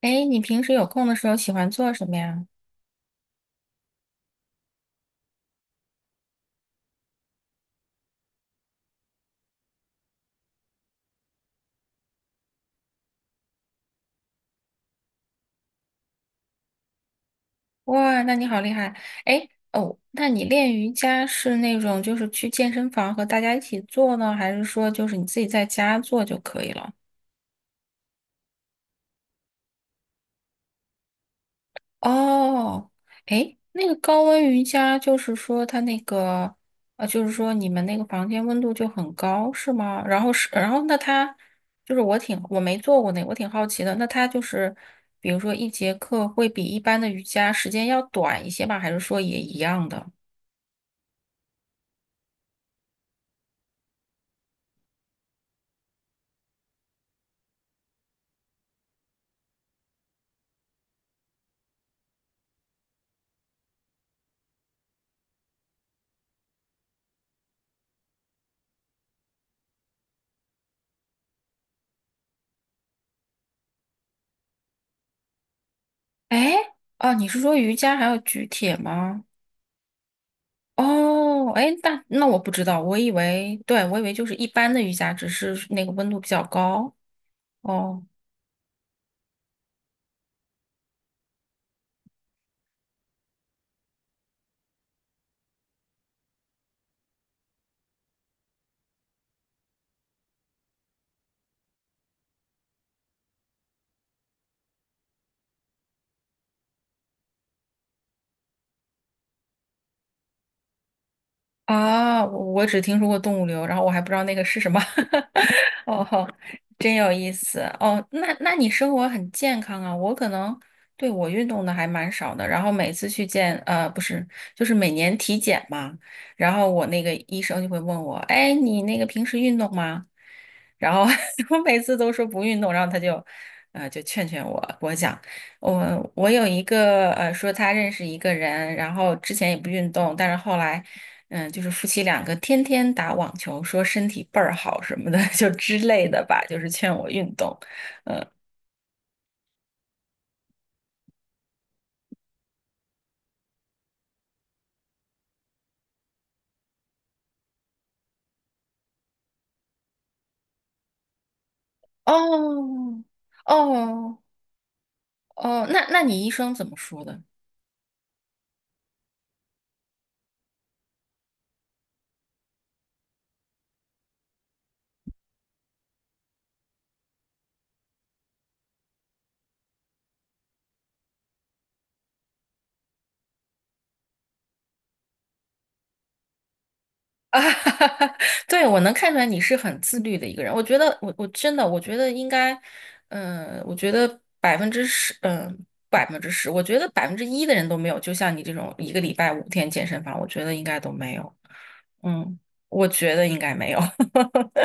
哎，你平时有空的时候喜欢做什么呀？哇，那你好厉害！哎，哦，那你练瑜伽是那种就是去健身房和大家一起做呢，还是说就是你自己在家做就可以了？哦，诶，那个高温瑜伽就是说它那个，就是说你们那个房间温度就很高，是吗？然后是，然后那它就是我没做过那个我挺好奇的。那它就是，比如说一节课会比一般的瑜伽时间要短一些吧？还是说也一样的？诶，哦，你是说瑜伽还有举铁吗？哦，诶，那那我不知道，我以为，对，我以为就是一般的瑜伽，只是那个温度比较高。哦。啊，我只听说过动物流，然后我还不知道那个是什么。哦吼，真有意思。哦，那那你生活很健康啊？我可能对我运动的还蛮少的，然后每次去见不是，就是每年体检嘛，然后我那个医生就会问我，哎，你那个平时运动吗？然后 我每次都说不运动，然后他就，就劝劝我。给我讲，我有一个说他认识一个人，然后之前也不运动，但是后来。嗯，就是夫妻两个天天打网球，说身体倍儿好什么的，就之类的吧，就是劝我运动。哦，哦，哦，那那你医生怎么说的？啊，对，我能看出来你是很自律的一个人。我觉得，我真的，我觉得应该，我觉得百分之十，百分之十，我觉得1%的人都没有。就像你这种一个礼拜5天健身房，我觉得应该都没有。嗯，我觉得应该没有。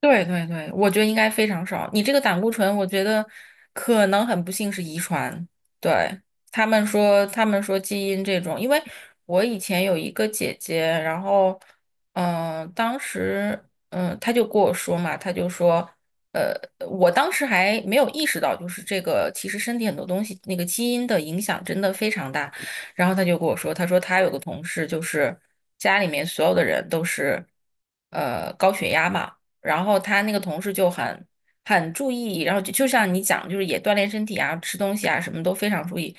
对对对，我觉得应该非常少。你这个胆固醇，我觉得可能很不幸是遗传。对，他们说，他们说基因这种，因为我以前有一个姐姐，然后，当时，她就跟我说嘛，她就说，呃，我当时还没有意识到，就是这个其实身体很多东西那个基因的影响真的非常大。然后她就跟我说，她说她有个同事，就是家里面所有的人都是，高血压嘛。然后他那个同事就很注意，然后就像你讲，就是也锻炼身体啊，吃东西啊，什么都非常注意。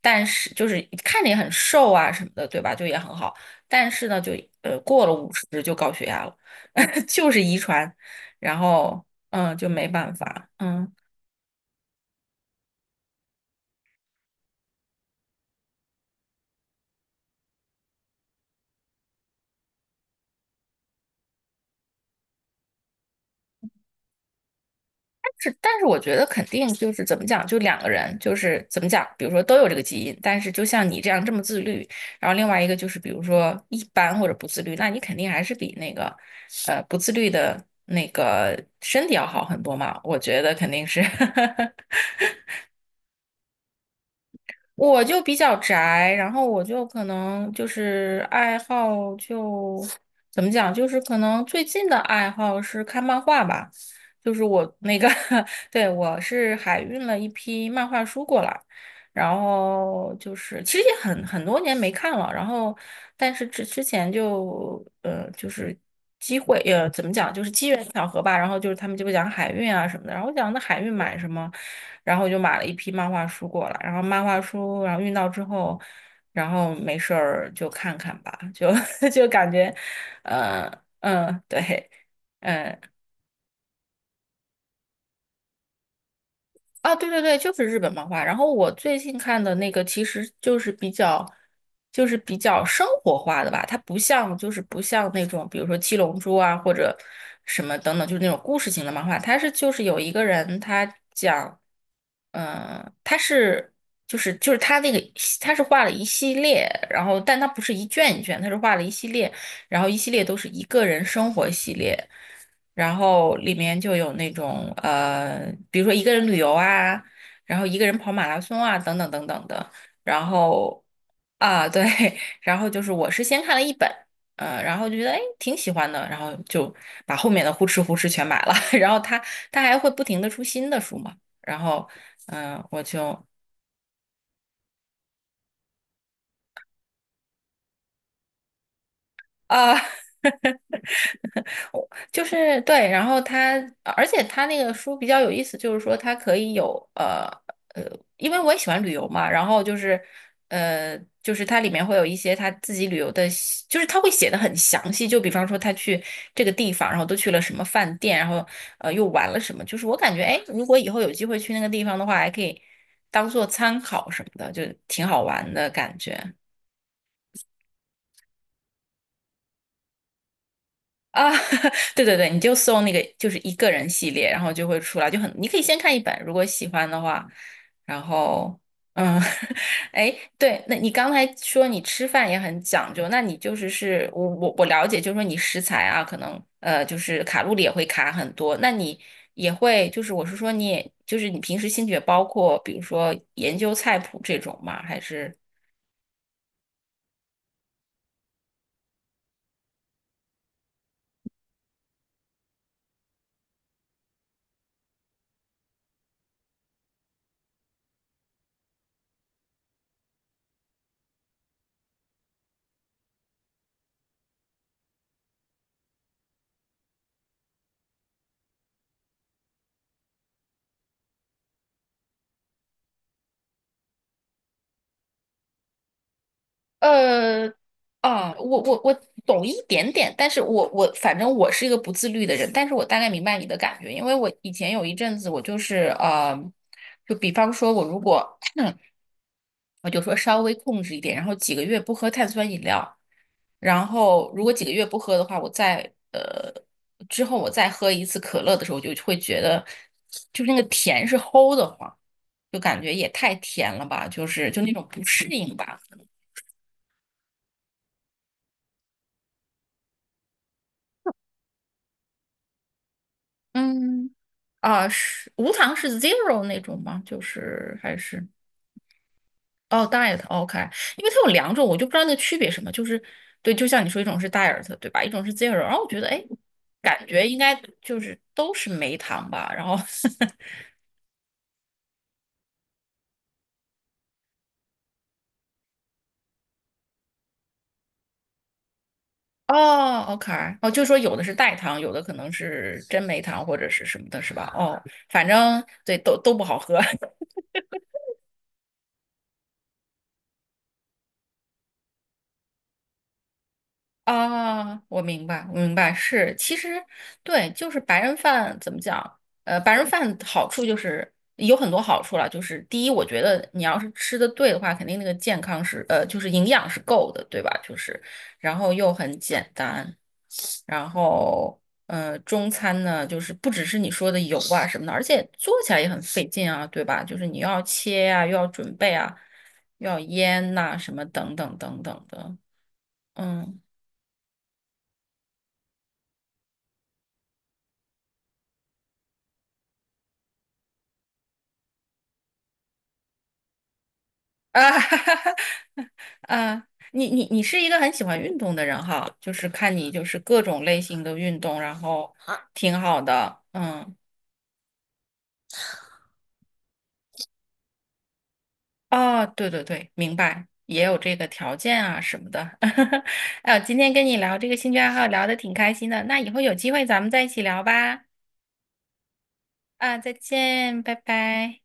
但是就是看着也很瘦啊什么的，对吧？就也很好，但是呢，就过了50就高血压了，就是遗传，然后嗯就没办法，嗯。是，但是我觉得肯定就是怎么讲，就两个人就是怎么讲，比如说都有这个基因，但是就像你这样这么自律，然后另外一个就是比如说一般或者不自律，那你肯定还是比那个不自律的那个身体要好很多嘛，我觉得肯定是。我就比较宅，然后我就可能就是爱好就怎么讲，就是可能最近的爱好是看漫画吧，就是我那个 对，我是海运了一批漫画书过来，然后就是其实也很很多年没看了，然后但是之前就就是就是机缘巧合吧，然后就是他们就会讲海运啊什么的，然后我讲那海运买什么，然后我就买了一批漫画书过来，然后漫画书然后运到之后，然后没事儿就看看吧，就 就感觉，呃对，嗯、啊，对对对，就是日本漫画。然后我最近看的那个其实就是比较，就是比较生活化的吧，它不像就是不像那种比如说《七龙珠》啊或者什么等等，就是那种故事型的漫画。它是就是有一个人他讲，他是就是他那个他是画了一系列，然后但他不是一卷一卷，他是画了一系列，然后一系列都是一个人生活系列。然后里面就有那种比如说一个人旅游啊，然后一个人跑马拉松啊，等等等等的。然后啊，对，然后就是我是先看了一本，然后就觉得哎挺喜欢的，然后就把后面的呼哧呼哧全买了。然后他他还会不停的出新的书嘛，然后我就啊。我就是对，然后它，而且它那个书比较有意思，就是说它可以有呃，因为我也喜欢旅游嘛，然后就是就是它里面会有一些他自己旅游的细就是他会写的很详细，就比方说他去这个地方，然后都去了什么饭店，然后又玩了什么，就是我感觉哎，如果以后有机会去那个地方的话，还可以当做参考什么的，就挺好玩的感觉。啊，对对对，你就搜那个就是一个人系列，然后就会出来，就很，你可以先看一本，如果喜欢的话，然后嗯，哎，对，那你刚才说你吃饭也很讲究，那你就是是我了解，就是说你食材啊，可能就是卡路里也会卡很多，那你也会就是我是说你也就是你平时兴趣也包括比如说研究菜谱这种吗？还是？呃，啊，我懂一点点，但是我反正我是一个不自律的人，但是我大概明白你的感觉，因为我以前有一阵子我就是就比方说我如果 我就说稍微控制一点，然后几个月不喝碳酸饮料，然后如果几个月不喝的话，我再呃之后我再喝一次可乐的时候，我就会觉得就是那个甜是齁的慌，就感觉也太甜了吧，就是就那种不适应吧。嗯。啊，是无糖是 zero 那种吗？就是还是哦，diet，OK，因为它有两种，我就不知道那区别什么。就是对，就像你说，一种是 diet，对吧？一种是 zero。然后我觉得，哎，感觉应该就是都是没糖吧。然后 哦，OK，哦，就说有的是代糖，有的可能是真没糖或者是什么的，是吧？哦，反正对，都都不好喝。啊，我明白，我明白，是，其实对，就是白人饭怎么讲？白人饭好处就是有很多好处了，就是第一，我觉得你要是吃的对的话，肯定那个健康是，就是营养是够的，对吧？就是，然后又很简单，然后中餐呢，就是不只是你说的油啊什么的，而且做起来也很费劲啊，对吧？就是你又要切呀、又要准备啊，又要腌呐、什么等等等等的，嗯。啊，哈哈哈，啊，你是一个很喜欢运动的人哈，就是看你就是各种类型的运动，然后挺好的，嗯，哦，对对对，明白，也有这个条件啊什么的，哎呦，今天跟你聊这个兴趣爱好聊的挺开心的，那以后有机会咱们再一起聊吧，啊，再见，拜拜。